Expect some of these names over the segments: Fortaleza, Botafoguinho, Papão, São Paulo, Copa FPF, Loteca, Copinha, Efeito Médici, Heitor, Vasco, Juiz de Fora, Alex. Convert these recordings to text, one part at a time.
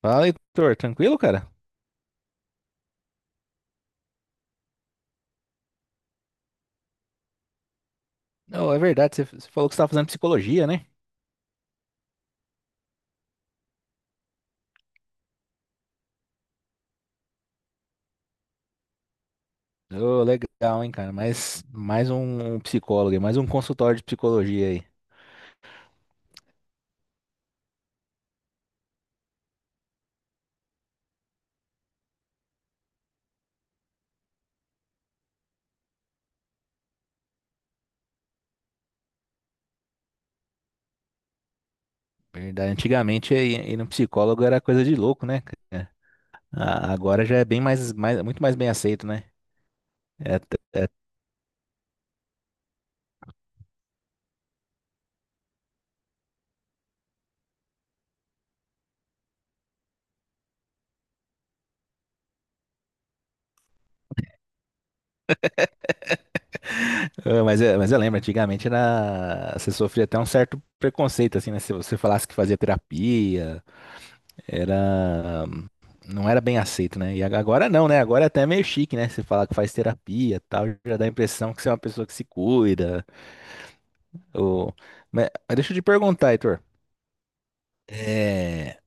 Fala, Heitor. Tranquilo, cara? Não, é verdade, você falou que você estava fazendo psicologia, né? Ô, legal, hein, cara? Mais um psicólogo, aí, mais um consultório de psicologia aí. Verdade. Antigamente, ir no psicólogo era coisa de louco, né, cara? Agora já é bem mais, muito mais bem aceito, né? É, até- é- Ah, mas eu lembro, antigamente era, você sofria até um certo preconceito, assim, né? Se você falasse que fazia terapia, era não era bem aceito, né? E agora não, né? Agora é até meio chique, né? Você falar que faz terapia, e tal, já dá a impressão que você é uma pessoa que se cuida. Ou... mas deixa eu te perguntar, Heitor. É,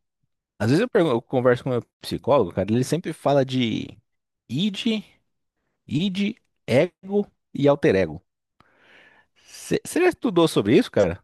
Às vezes eu converso com o meu psicólogo, cara, ele sempre fala de id, id, ego e alter ego. Você já estudou sobre isso, cara?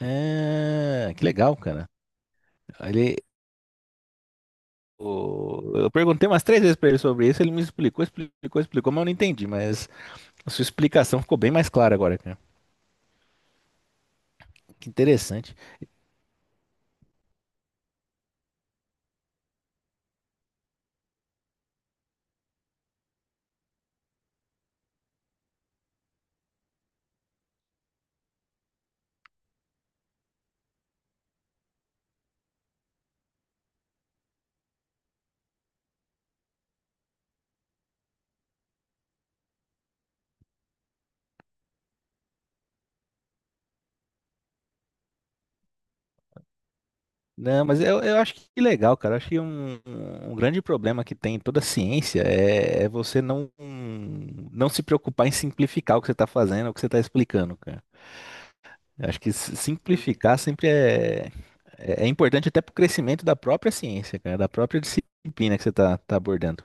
É, que legal, cara. Ele, eu perguntei umas três vezes pra ele sobre isso, ele me explicou, mas eu não entendi. Mas a sua explicação ficou bem mais clara agora, cara. Que interessante. Não, mas eu acho que legal, cara. Eu acho que um grande problema que tem em toda a ciência é você não se preocupar em simplificar o que você está fazendo, o que você está explicando, cara. Eu acho que simplificar sempre é importante até para o crescimento da própria ciência, cara, da própria disciplina que você está tá tá abordando.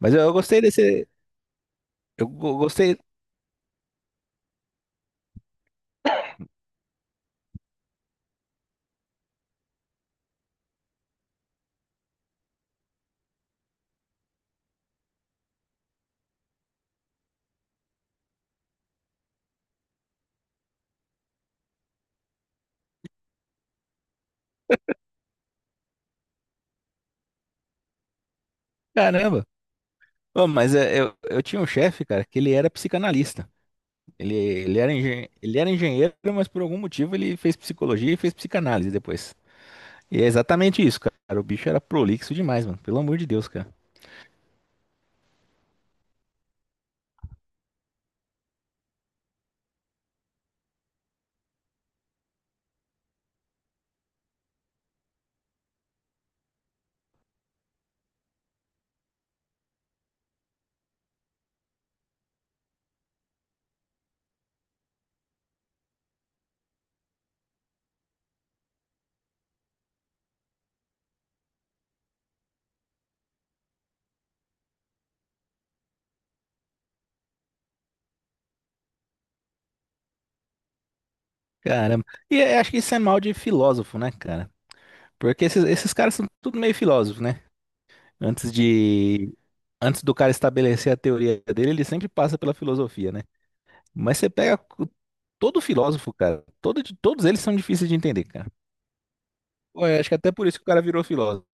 Mas eu gostei desse. Gostei. Caramba! Ô, mas é, eu tinha um chefe, cara, que ele era psicanalista. Ele era engenheiro, mas por algum motivo ele fez psicologia e fez psicanálise depois. E é exatamente isso, cara. O bicho era prolixo demais, mano. Pelo amor de Deus, cara. Caramba. Acho que isso é mal de filósofo, né, cara? Porque esses caras são tudo meio filósofos, né? Antes de, antes do cara estabelecer a teoria dele, ele sempre passa pela filosofia, né? Mas todo filósofo, cara. Todos eles são difíceis de entender, cara. Pô, eu acho que até por isso que o cara virou filósofo.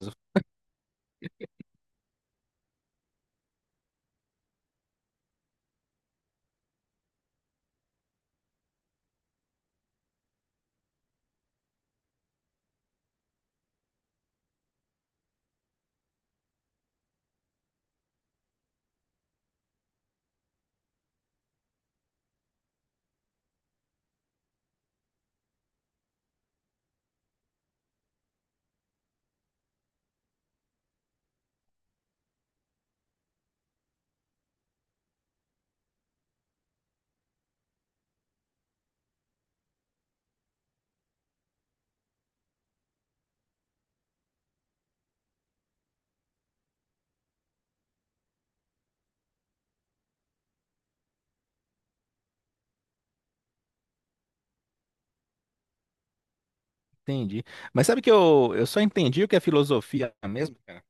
Entendi. Mas sabe que eu só entendi o que é filosofia mesmo, cara,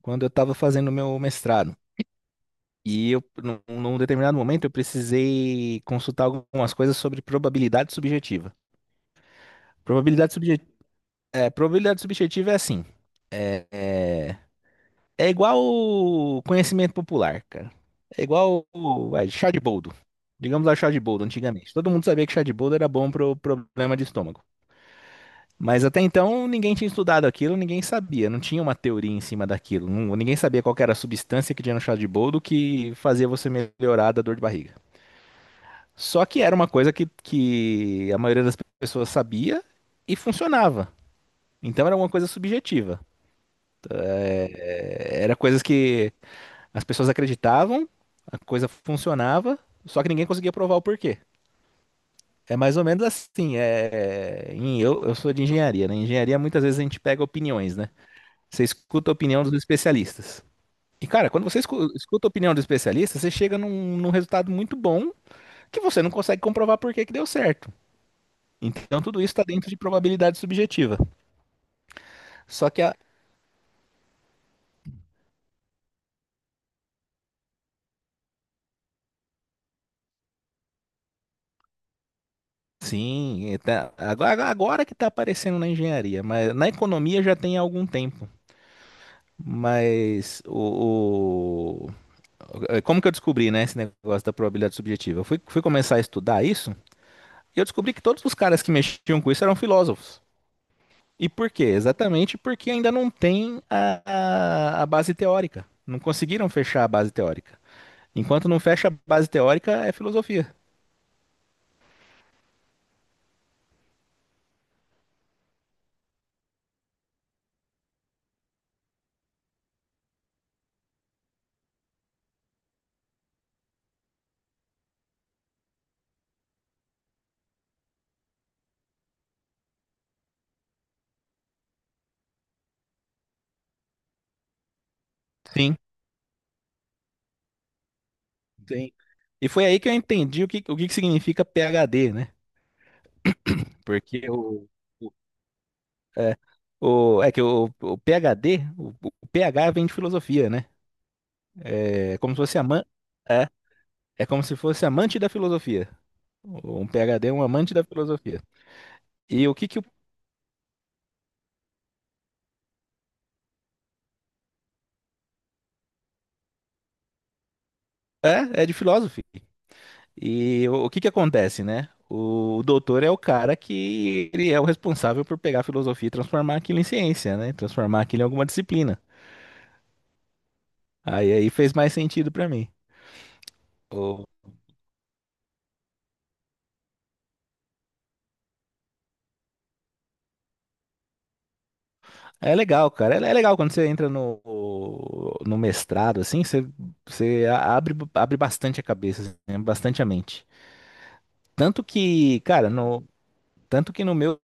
quando eu estava fazendo o meu mestrado. E num determinado momento, eu precisei consultar algumas coisas sobre probabilidade subjetiva. Probabilidade, subje, probabilidade subjetiva é assim. É, é, é igual o conhecimento popular, cara. É igual chá de boldo. Digamos lá, chá de boldo, antigamente. Todo mundo sabia que chá de boldo era bom pro problema de estômago. Mas até então ninguém tinha estudado aquilo, ninguém sabia, não tinha uma teoria em cima daquilo. Ninguém sabia qual que era a substância que tinha no chá de boldo que fazia você melhorar da dor de barriga. Só que era uma coisa que a maioria das pessoas sabia e funcionava. Então era uma coisa subjetiva. Era coisas que as pessoas acreditavam, a coisa funcionava, só que ninguém conseguia provar o porquê. É mais ou menos assim. Eu sou de engenharia, né? Em engenharia muitas vezes a gente pega opiniões, né? Você escuta a opinião dos especialistas. E, cara, quando você escuta a opinião dos especialistas, você chega num resultado muito bom que você não consegue comprovar por que que deu certo. Então, tudo isso está dentro de probabilidade subjetiva. Só que a. Sim, agora, agora que está aparecendo na engenharia, mas na economia já tem há algum tempo. Mas como que eu descobri, né, esse negócio da probabilidade subjetiva? Eu fui começar a estudar isso e eu descobri que todos os caras que mexiam com isso eram filósofos. E por quê? Exatamente porque ainda não tem a base teórica. Não conseguiram fechar a base teórica. Enquanto não fecha a base teórica, é filosofia. Sim, sim. E foi aí que eu entendi o que que significa PhD, né? Porque É, o, é que o PhD, o PH vem de filosofia, né? É como se fosse é, é como se fosse amante da filosofia. Um PhD é um amante da filosofia. E o que que o- é, é de filósofo. O que que acontece, né? O doutor é o cara que ele é o responsável por pegar a filosofia e transformar aquilo em ciência, né? Transformar aquilo em alguma disciplina. Aí fez mais sentido pra mim. É legal, cara. É legal quando você entra no mestrado, assim, você abre, abre bastante a cabeça, assim, né? Bastante a mente. Tanto que, cara, no, tanto que no meu,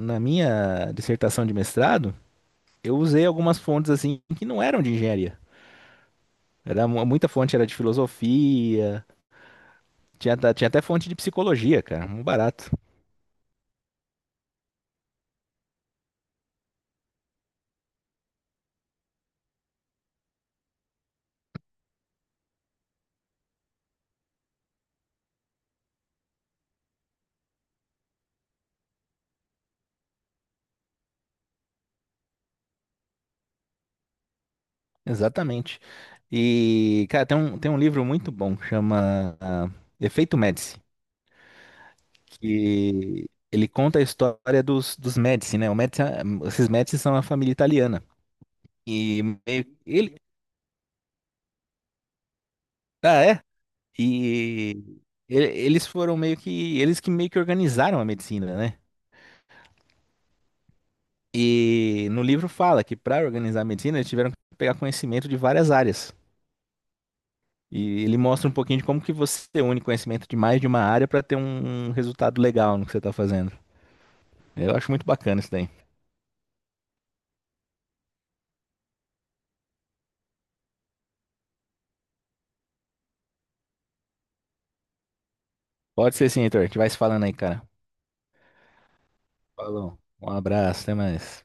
na minha dissertação de mestrado, eu usei algumas fontes, assim, que não eram de engenharia. Muita fonte era de filosofia, tinha até fonte de psicologia, cara, muito barato. Exatamente. E, cara, tem tem um livro muito bom, que chama Efeito Médici, que ele conta a história dos Médici, né? Esses Médici são uma família italiana. E meio, ele, ah, é? E eles foram meio que, eles que meio que organizaram a medicina, né? E no livro fala que para organizar a medicina eles tiveram que pegar conhecimento de várias áreas. E ele mostra um pouquinho de como que você une conhecimento de mais de uma área para ter um resultado legal no que você tá fazendo. Eu acho muito bacana isso daí. Pode ser sim, Heitor. A gente vai se falando aí, cara. Falou. Um abraço, até mais.